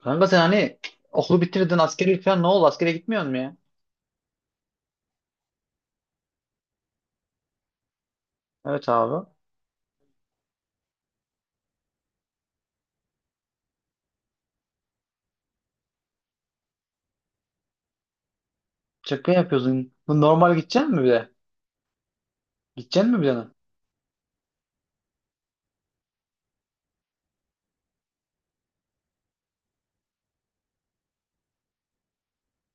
Kanka sen hani okulu bitirdin askeri falan ne oldu? Askere gitmiyor mu ya? Evet abi. Şaka yapıyorsun. Bu normal gideceksin mi bir de? Gideceksin mi bir de?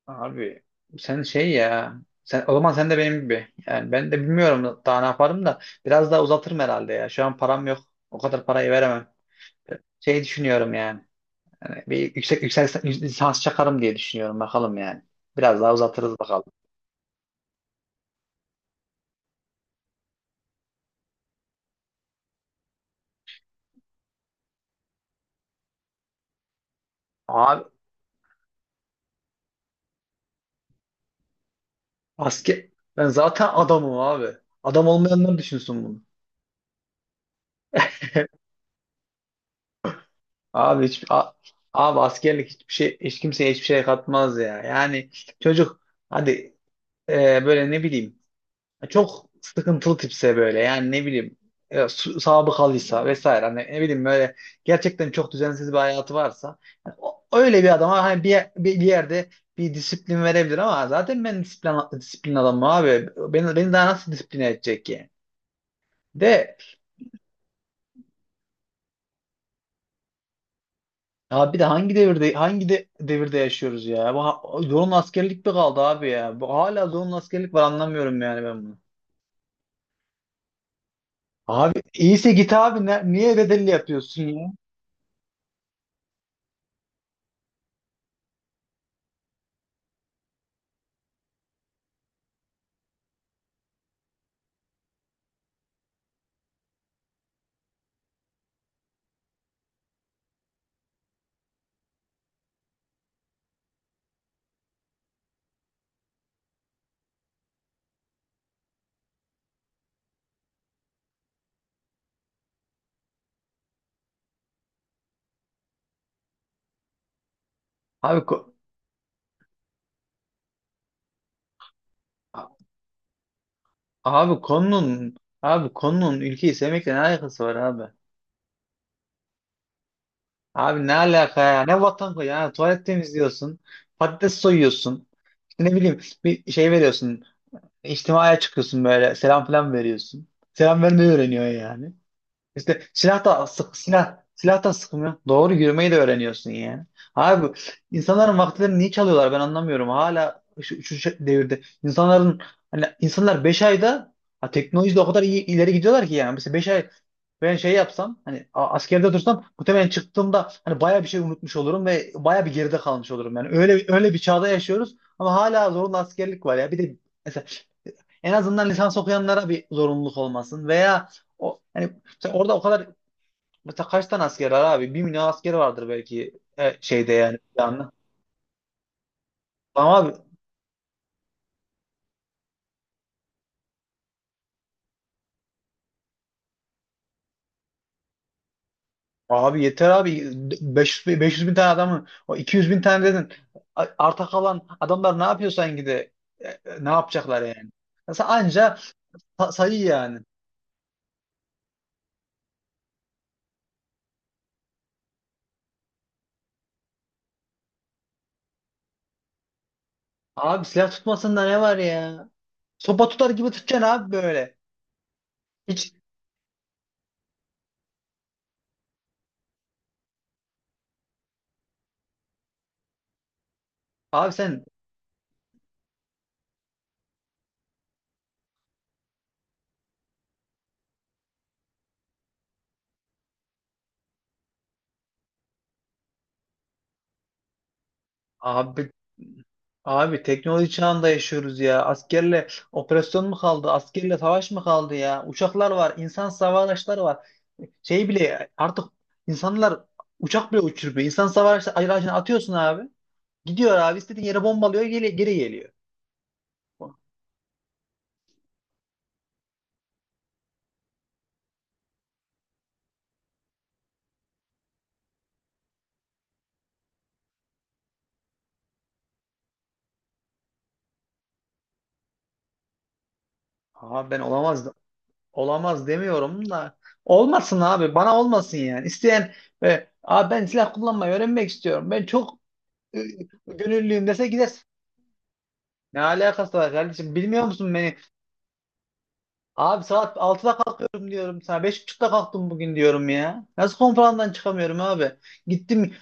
Abi sen şey ya. O zaman sen de benim gibi. Yani ben de bilmiyorum daha ne yaparım da. Biraz daha uzatırım herhalde ya. Şu an param yok. O kadar parayı veremem. Şey düşünüyorum yani. Hani bir yüksek lisans çakarım diye düşünüyorum. Bakalım yani. Biraz daha uzatırız bakalım. Abi asker ben zaten adamım abi. Adam olmayanlar düşünsün bunu. Abi hiç a- abi askerlik hiçbir şey hiç kimseye hiçbir şey katmaz ya. Yani çocuk hadi, böyle ne bileyim çok sıkıntılı tipse böyle yani ne bileyim, sabıkalıysa vesaire hani ne bileyim böyle gerçekten çok düzensiz bir hayatı varsa yani öyle bir adama hani bir yerde bir disiplin verebilir ama zaten ben disiplin adamım abi. Beni daha nasıl disipline edecek ki? De Ya bir de hangi devirde hangi devirde yaşıyoruz ya? Bu zorunlu askerlik mi kaldı abi ya? Bu hala zorunlu askerlik var, anlamıyorum yani ben bunu. Abi iyiyse git abi, niye bedelli yapıyorsun ya? Abi ko- a- abi konunun abi konunun ülkeyi sevmekle ne alakası var abi? Abi ne alaka ya? Ne vatan koy ya? Tuvalet temizliyorsun. Patates soyuyorsun. İşte ne bileyim bir şey veriyorsun. İçtimaya çıkıyorsun böyle. Selam falan veriyorsun. Selam vermeyi öğreniyorsun yani. İşte silah da sıkmıyor. Doğru yürümeyi de öğreniyorsun yani. Abi insanların vaktilerini niye çalıyorlar ben anlamıyorum. Hala şu devirde insanların, hani insanlar 5 ayda, ha, teknolojide o kadar iyi ileri gidiyorlar ki yani. Mesela 5 ay ben şey yapsam hani askerde dursam muhtemelen çıktığımda hani baya bir şey unutmuş olurum ve baya bir geride kalmış olurum yani. Öyle öyle bir çağda yaşıyoruz ama hala zorunlu askerlik var ya. Bir de mesela en azından lisans okuyanlara bir zorunluluk olmasın, veya o hani Mesela orada o kadar Mesela kaç tane asker var abi? 1 milyon asker vardır belki, şeyde yani. Yani. Ama abi yeter abi. 500 bin tane adamı, o 200 bin tane dedin. Arta kalan adamlar ne yapıyorsan ne yapacaklar yani? Mesela anca sayı yani. Abi silah tutmasında ne var ya? Sopa tutar gibi tutacaksın abi böyle. Hiç abi sen abi Abi teknoloji çağında yaşıyoruz ya. Askerle operasyon mu kaldı? Askerle savaş mı kaldı ya? Uçaklar var, insan hava araçları var. Şey bile artık insanlar uçak bile uçuruyor. İnsan hava araçları aracını atıyorsun abi. Gidiyor abi istediğin yere bombalıyor, geri geliyor. Aha ben olamaz Olamaz demiyorum da olmasın abi bana olmasın yani. İsteyen, abi ben silah kullanmayı öğrenmek istiyorum. Ben çok e, gönüllüyüm dese gider. Ne alakası var kardeşim, bilmiyor musun beni? Abi saat 6'da kalkıyorum diyorum sana. 5.30'ta kalktım bugün diyorum ya. Nasıl konferanstan çıkamıyorum abi? Gittim,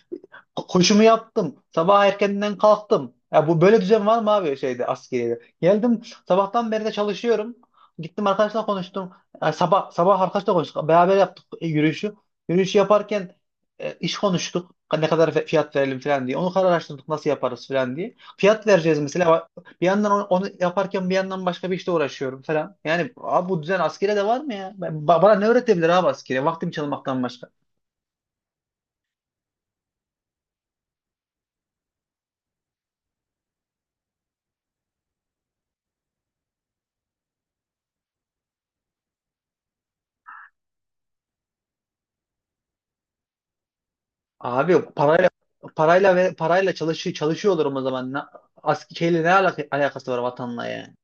koşumu yaptım. Sabah erkenden kalktım. Ya bu böyle düzen var mı abi şeyde, askeriyede? Geldim, sabahtan beri de çalışıyorum. Gittim, arkadaşla konuştum. Ya sabah sabah arkadaşla konuştuk. Beraber yaptık, yürüyüşü. Yürüyüşü yaparken, iş konuştuk. Ne kadar fiyat verelim falan diye. Onu kararlaştırdık, nasıl yaparız falan diye. Fiyat vereceğiz mesela. Bir yandan onu yaparken bir yandan başka bir işte uğraşıyorum falan. Yani abi bu düzen askere de var mı ya? Bana ne öğretebilir abi askere? Vaktimi çalmaktan başka. Abi parayla çalışıyorlar o zaman. Ne, ask şeyle ne alaka- alakası var vatanla yani?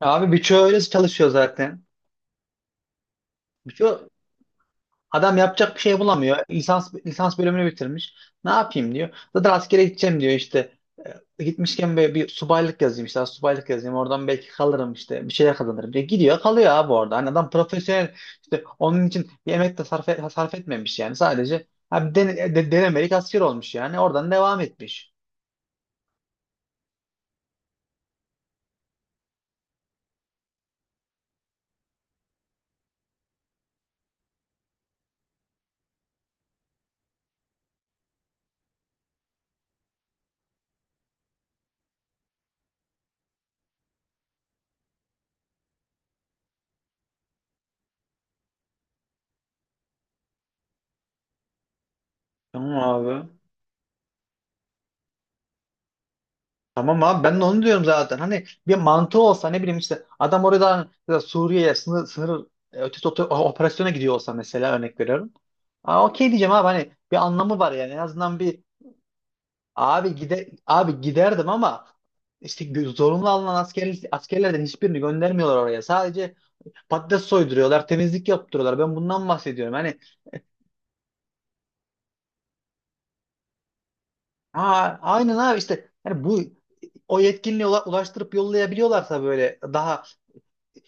Abi birçoğu öyle çalışıyor zaten. Birçoğu adam yapacak bir şey bulamıyor. Lisans bölümünü bitirmiş. Ne yapayım diyor. Zaten askere gideceğim diyor işte. Gitmişken böyle bir subaylık yazayım işte. Subaylık yazayım. Oradan belki kalırım işte. Bir şeyler kazanırım diye. Gidiyor, kalıyor abi orada. Hani adam profesyonel işte, onun için bir emek de sarf etmemiş yani. Sadece abi denemelik asker olmuş yani. Oradan devam etmiş. Tamam abi. Tamam abi, ben de onu diyorum zaten. Hani bir mantığı olsa ne bileyim, işte adam oradan ya Suriye'ye sınır ötesi operasyona gidiyor olsa mesela, örnek veriyorum. Aa, okey diyeceğim abi, hani bir anlamı var yani en azından. Bir abi giderdim ama işte zorunlu alınan askerlerden hiçbirini göndermiyorlar oraya. Sadece patates soyduruyorlar, temizlik yaptırıyorlar. Ben bundan bahsediyorum. Hani aa, aynen abi işte. Hani bu o yetkinliğe ulaştırıp yollayabiliyorlarsa böyle daha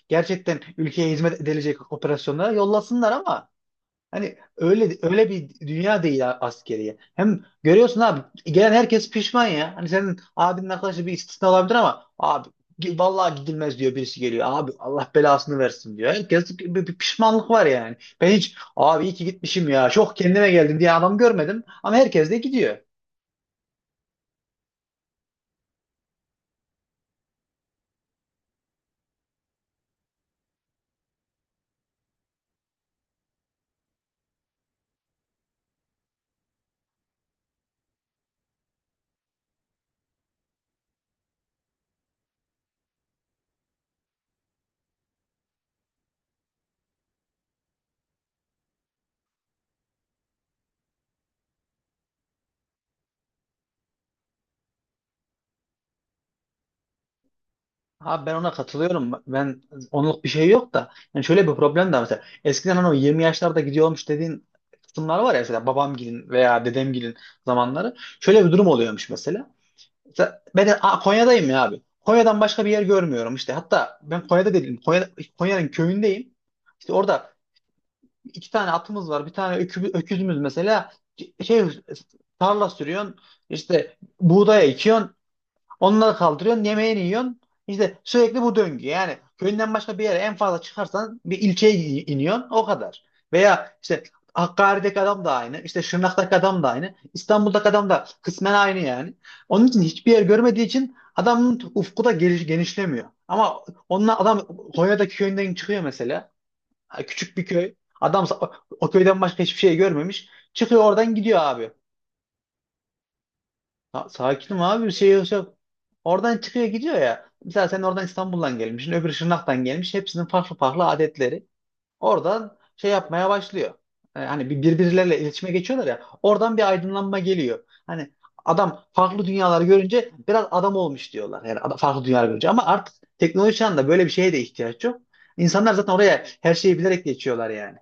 gerçekten ülkeye hizmet edilecek operasyonlara yollasınlar ama hani öyle öyle bir dünya değil askeriye. Hem görüyorsun abi, gelen herkes pişman ya. Hani senin abinin arkadaşı bir istisna olabilir ama abi vallahi gidilmez diyor birisi geliyor. Abi Allah belasını versin diyor. Herkes bir pişmanlık var yani. Ben hiç abi iyi ki gitmişim ya, çok kendime geldim diye adam görmedim ama herkes de gidiyor. Abi ben ona katılıyorum. Ben onluk bir şey yok da. Yani şöyle bir problem de var mesela. Eskiden hani o 20 yaşlarda gidiyormuş dediğin kısımlar var ya, mesela babamgilin veya dedemgilin zamanları. Şöyle bir durum oluyormuş mesela. Mesela ben de, aa, Konya'dayım ya abi. Konya'dan başka bir yer görmüyorum işte. Hatta ben Konya'da değilim. Konya'nın köyündeyim. İşte orada iki tane atımız var. Bir tane öküzümüz mesela. Şey tarla sürüyorsun. İşte buğdaya ekiyorsun. Onları kaldırıyorsun, yemeğini yiyorsun. İşte sürekli bu döngü. Yani köyünden başka bir yere en fazla çıkarsan bir ilçeye iniyorsun. O kadar. Veya işte Hakkari'deki adam da aynı. İşte Şırnak'taki adam da aynı. İstanbul'daki adam da kısmen aynı yani. Onun için hiçbir yer görmediği için adamın ufku da genişlemiyor. Ama onunla adam Konya'daki köyünden çıkıyor mesela. Ha, küçük bir köy. Adam o köyden başka hiçbir şey görmemiş. Çıkıyor oradan gidiyor abi. Ha, sakinim abi, bir şey yok. Şey yok. Oradan çıkıyor gidiyor ya. Mesela sen oradan İstanbul'dan gelmişsin, öbürü Şırnak'tan gelmiş. Hepsinin farklı farklı adetleri. Oradan şey yapmaya başlıyor. Hani birbirleriyle iletişime geçiyorlar ya. Oradan bir aydınlanma geliyor. Hani adam farklı dünyalar görünce biraz adam olmuş diyorlar. Yani farklı dünyalar görünce. Ama artık teknoloji çağında böyle bir şeye de ihtiyaç yok. İnsanlar zaten oraya her şeyi bilerek geçiyorlar yani.